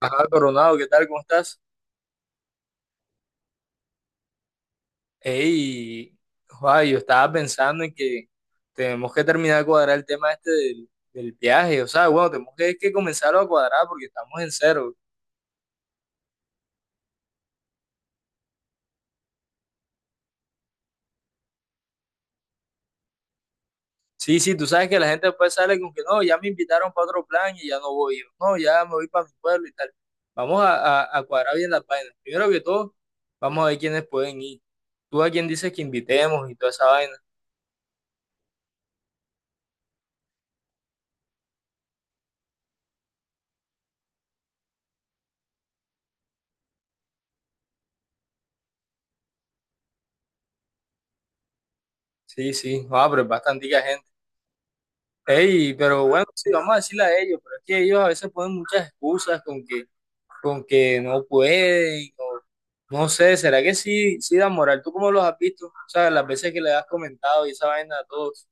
Ajá, Coronado, ¿qué tal? ¿Cómo estás? Ey, joa, yo estaba pensando en que tenemos que terminar de cuadrar el tema este del viaje, o sea, bueno, tenemos que comenzarlo a cuadrar porque estamos en cero. Sí, sí, tú sabes que la gente después sale con que no, ya me invitaron para otro plan y ya no voy, no, ya me voy para mi pueblo y tal. Vamos a cuadrar bien las vainas. Primero que todo, vamos a ver quiénes pueden ir. Tú a quién dices que invitemos y toda esa vaina. Sí, sí, joa, pero es bastante gente. Ey, pero bueno, sí, vamos a decirle a ellos, pero es que ellos a veces ponen muchas excusas con que no pueden, o no no sé, ¿será que sí, sí dan moral? ¿Tú cómo los has visto? O sea, las veces que le has comentado y esa vaina a todos.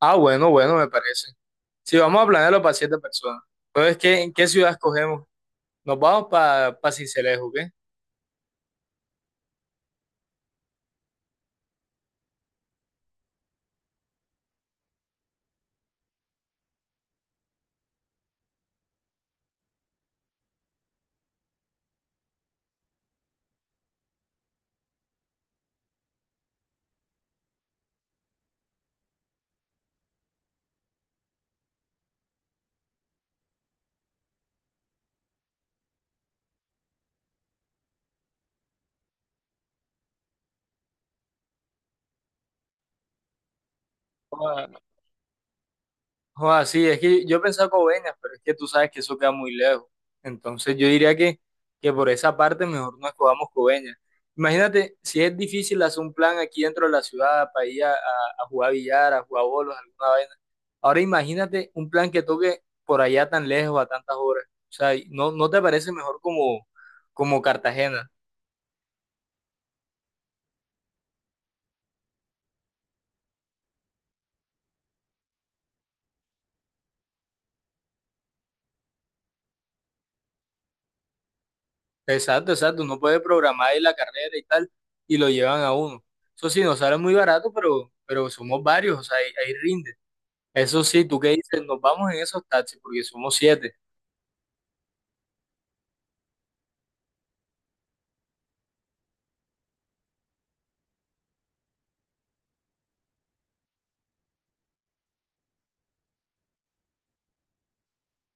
Ah, bueno, bueno, me parece. Si vamos a planearlo para siete personas. Entonces, ¿en qué ciudad escogemos? ¿Nos vamos para Sincelejo, qué? Joder, sí, es que yo pensaba Coveñas, pero es que tú sabes que eso queda muy lejos. Entonces yo diría que por esa parte mejor no escogamos Coveñas. Imagínate, si es difícil hacer un plan aquí dentro de la ciudad para ir a jugar billar, a jugar bolos, alguna vaina. Ahora imagínate un plan que toque por allá tan lejos, a tantas horas. O sea, y ¿no te parece mejor como Cartagena? Exacto, exacto. Uno puede programar ahí la carrera y tal, y lo llevan a uno. Eso sí, nos sale muy barato, pero somos varios, o sea, ahí rinde. Eso sí, tú qué dices, nos vamos en esos taxis porque somos siete.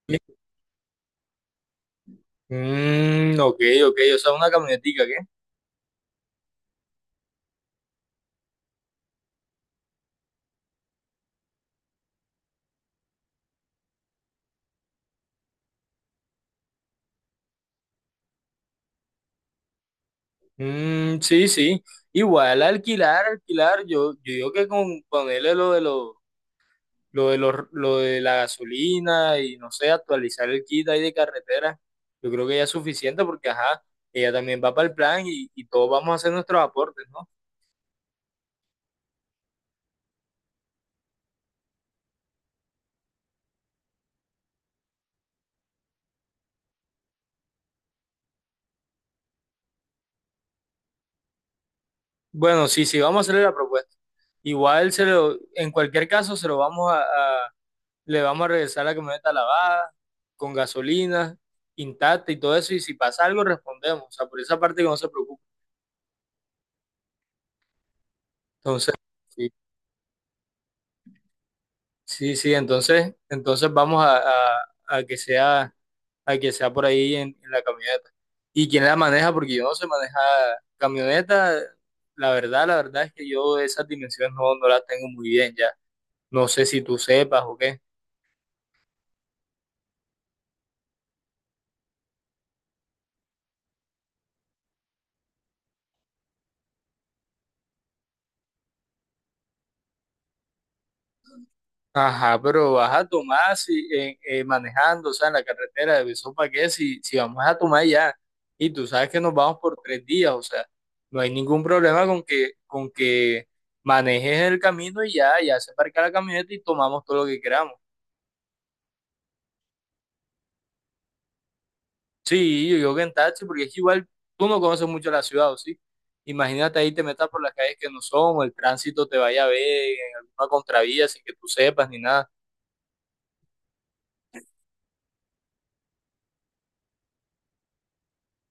Sí. Mm, ok, ok, o sea, una camionetica, ¿qué? Mm, sí, sí. Igual alquilar, yo digo que con ponerle lo de los, lo de los, lo de la gasolina y no sé, actualizar el kit ahí de carretera, yo creo que ya es suficiente porque ajá, ella también va para el plan y todos vamos a hacer nuestros aportes, ¿no? Bueno, sí, sí, vamos a hacerle la propuesta. Igual en cualquier caso se lo vamos a le vamos a regresar la camioneta lavada, con gasolina, intacta y todo eso, y si pasa algo respondemos, o sea, por esa parte que no se preocupe. Entonces, sí, sí, sí, entonces vamos a que sea por ahí en la camioneta. ¿Y quién la maneja? Porque yo no sé manejar camioneta, la verdad es que yo esas dimensiones no las tengo muy bien ya. No sé si tú sepas o qué. Ajá, pero vas a tomar si, manejando, o sea, en la carretera de Besó para ¿qué? Si vamos a tomar ya, y tú sabes que nos vamos por 3 días, o sea, no hay ningún problema con que manejes el camino y ya, ya se parca la camioneta y tomamos todo lo que queramos. Sí, yo digo que en taxi, porque es que igual tú no conoces mucho la ciudad, ¿o sí? Imagínate ahí te metas por las calles que no son, o el tránsito te vaya a ver en alguna contravía sin que tú sepas ni nada.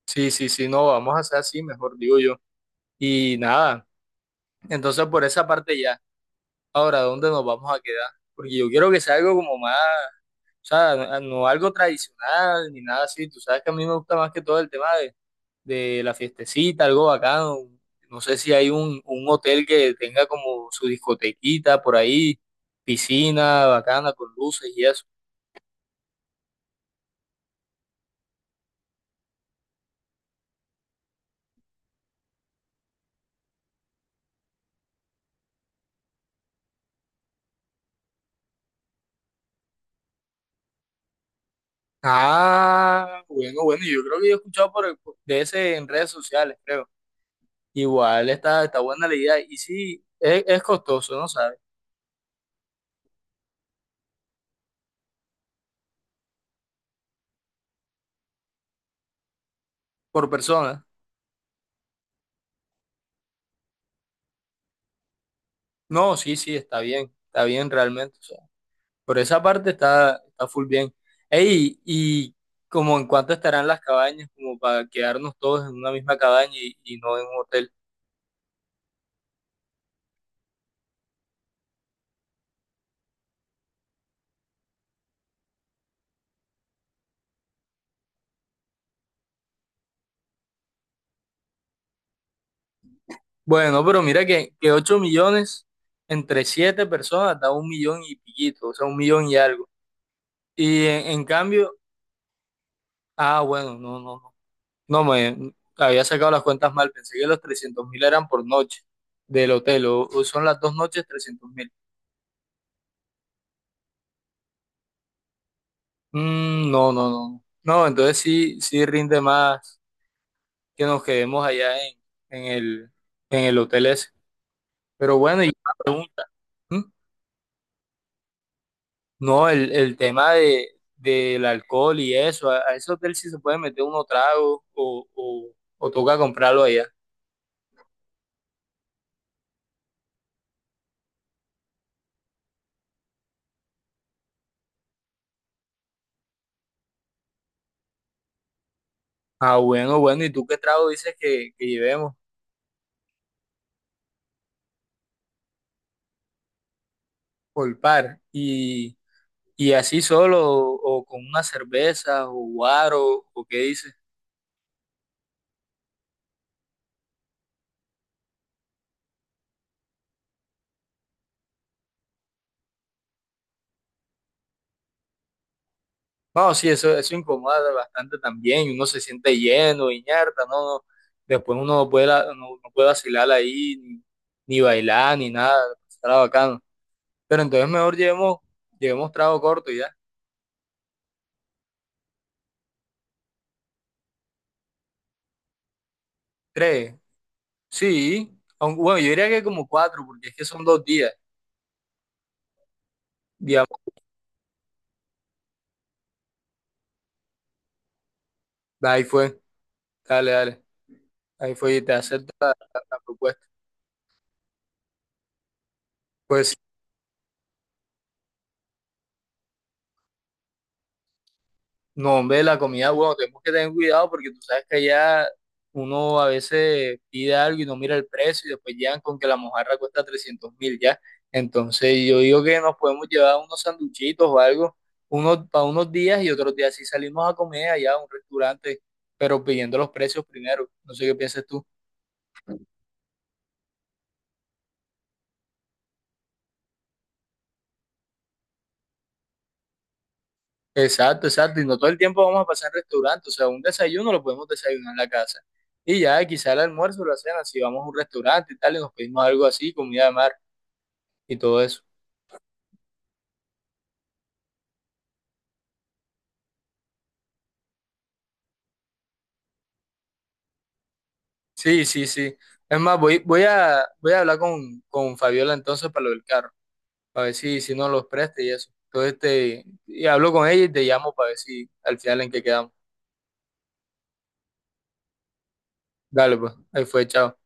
Sí, sí, sí, no, vamos a hacer así, mejor digo yo. Y nada. Entonces, por esa parte ya. Ahora, ¿dónde nos vamos a quedar? Porque yo quiero que sea algo como más, o sea, no, no algo tradicional ni nada así. Tú sabes que a mí me gusta más que todo el tema de la fiestecita, algo bacano. No sé si hay un hotel que tenga como su discotequita por ahí, piscina bacana con luces y eso. Ah, bueno, bueno, yo creo que yo he escuchado de ese en redes sociales, creo. Igual está buena la idea. Y sí, es costoso, ¿no sabes? Por persona. No, sí, sí, está bien realmente. O sea, por esa parte está full bien. Ey, y como en cuánto estarán las cabañas, como para quedarnos todos en una misma cabaña y no en un hotel. Bueno, pero mira que 8 millones entre 7 personas da 1 millón y piquito, o sea, 1 millón y algo. Y en cambio, ah, bueno, no, no, no, no me había sacado las cuentas mal, pensé que los 300.000 eran por noche del hotel, o son las 2 noches 300.000. Mm, no, no, no. No, entonces sí, sí rinde más que nos quedemos allá en el, en el hotel ese. Pero bueno, y una pregunta. ¿Mm? No, el tema del alcohol y eso, a ese hotel sí se puede meter uno trago o toca comprarlo allá. Ah, bueno, bueno, ¿y tú qué trago dices que llevemos por par? ¿Y así solo o con una cerveza o guaro o qué dices? No, sí, eso incomoda bastante también, y uno se siente lleno, inerta, no, no, después uno no puede, no puede vacilar ahí, ni bailar, ni nada, estará bacano. Pero entonces mejor llevemos trago corto ya. Tres, sí, aunque, bueno, yo diría que como cuatro, porque es que son 2 días, digamos, ahí fue, dale, dale, ahí fue y te acepto la propuesta. Pues no, hombre, la comida, bueno, tenemos que tener cuidado porque tú sabes que allá uno a veces pide algo y no mira el precio y después llegan con que la mojarra cuesta 300.000 ya. Entonces yo digo que nos podemos llevar unos sanduchitos o algo, unos para unos días y otros días sí salimos a comer allá a un restaurante, pero pidiendo los precios primero. No sé qué piensas tú. Exacto, exacto. Y no todo el tiempo vamos a pasar en restaurante. O sea, un desayuno lo podemos desayunar en la casa. Y ya quizá el almuerzo o la cena, si vamos a un restaurante y tal, y nos pedimos algo así, comida de mar. Y todo eso. Sí, sí, sí. Es más, voy a hablar con Fabiola entonces para lo del carro, para ver si nos los presta y eso. Entonces, y hablo con ella y te llamo para ver si al final en qué quedamos. Dale, pues, ahí fue, chao.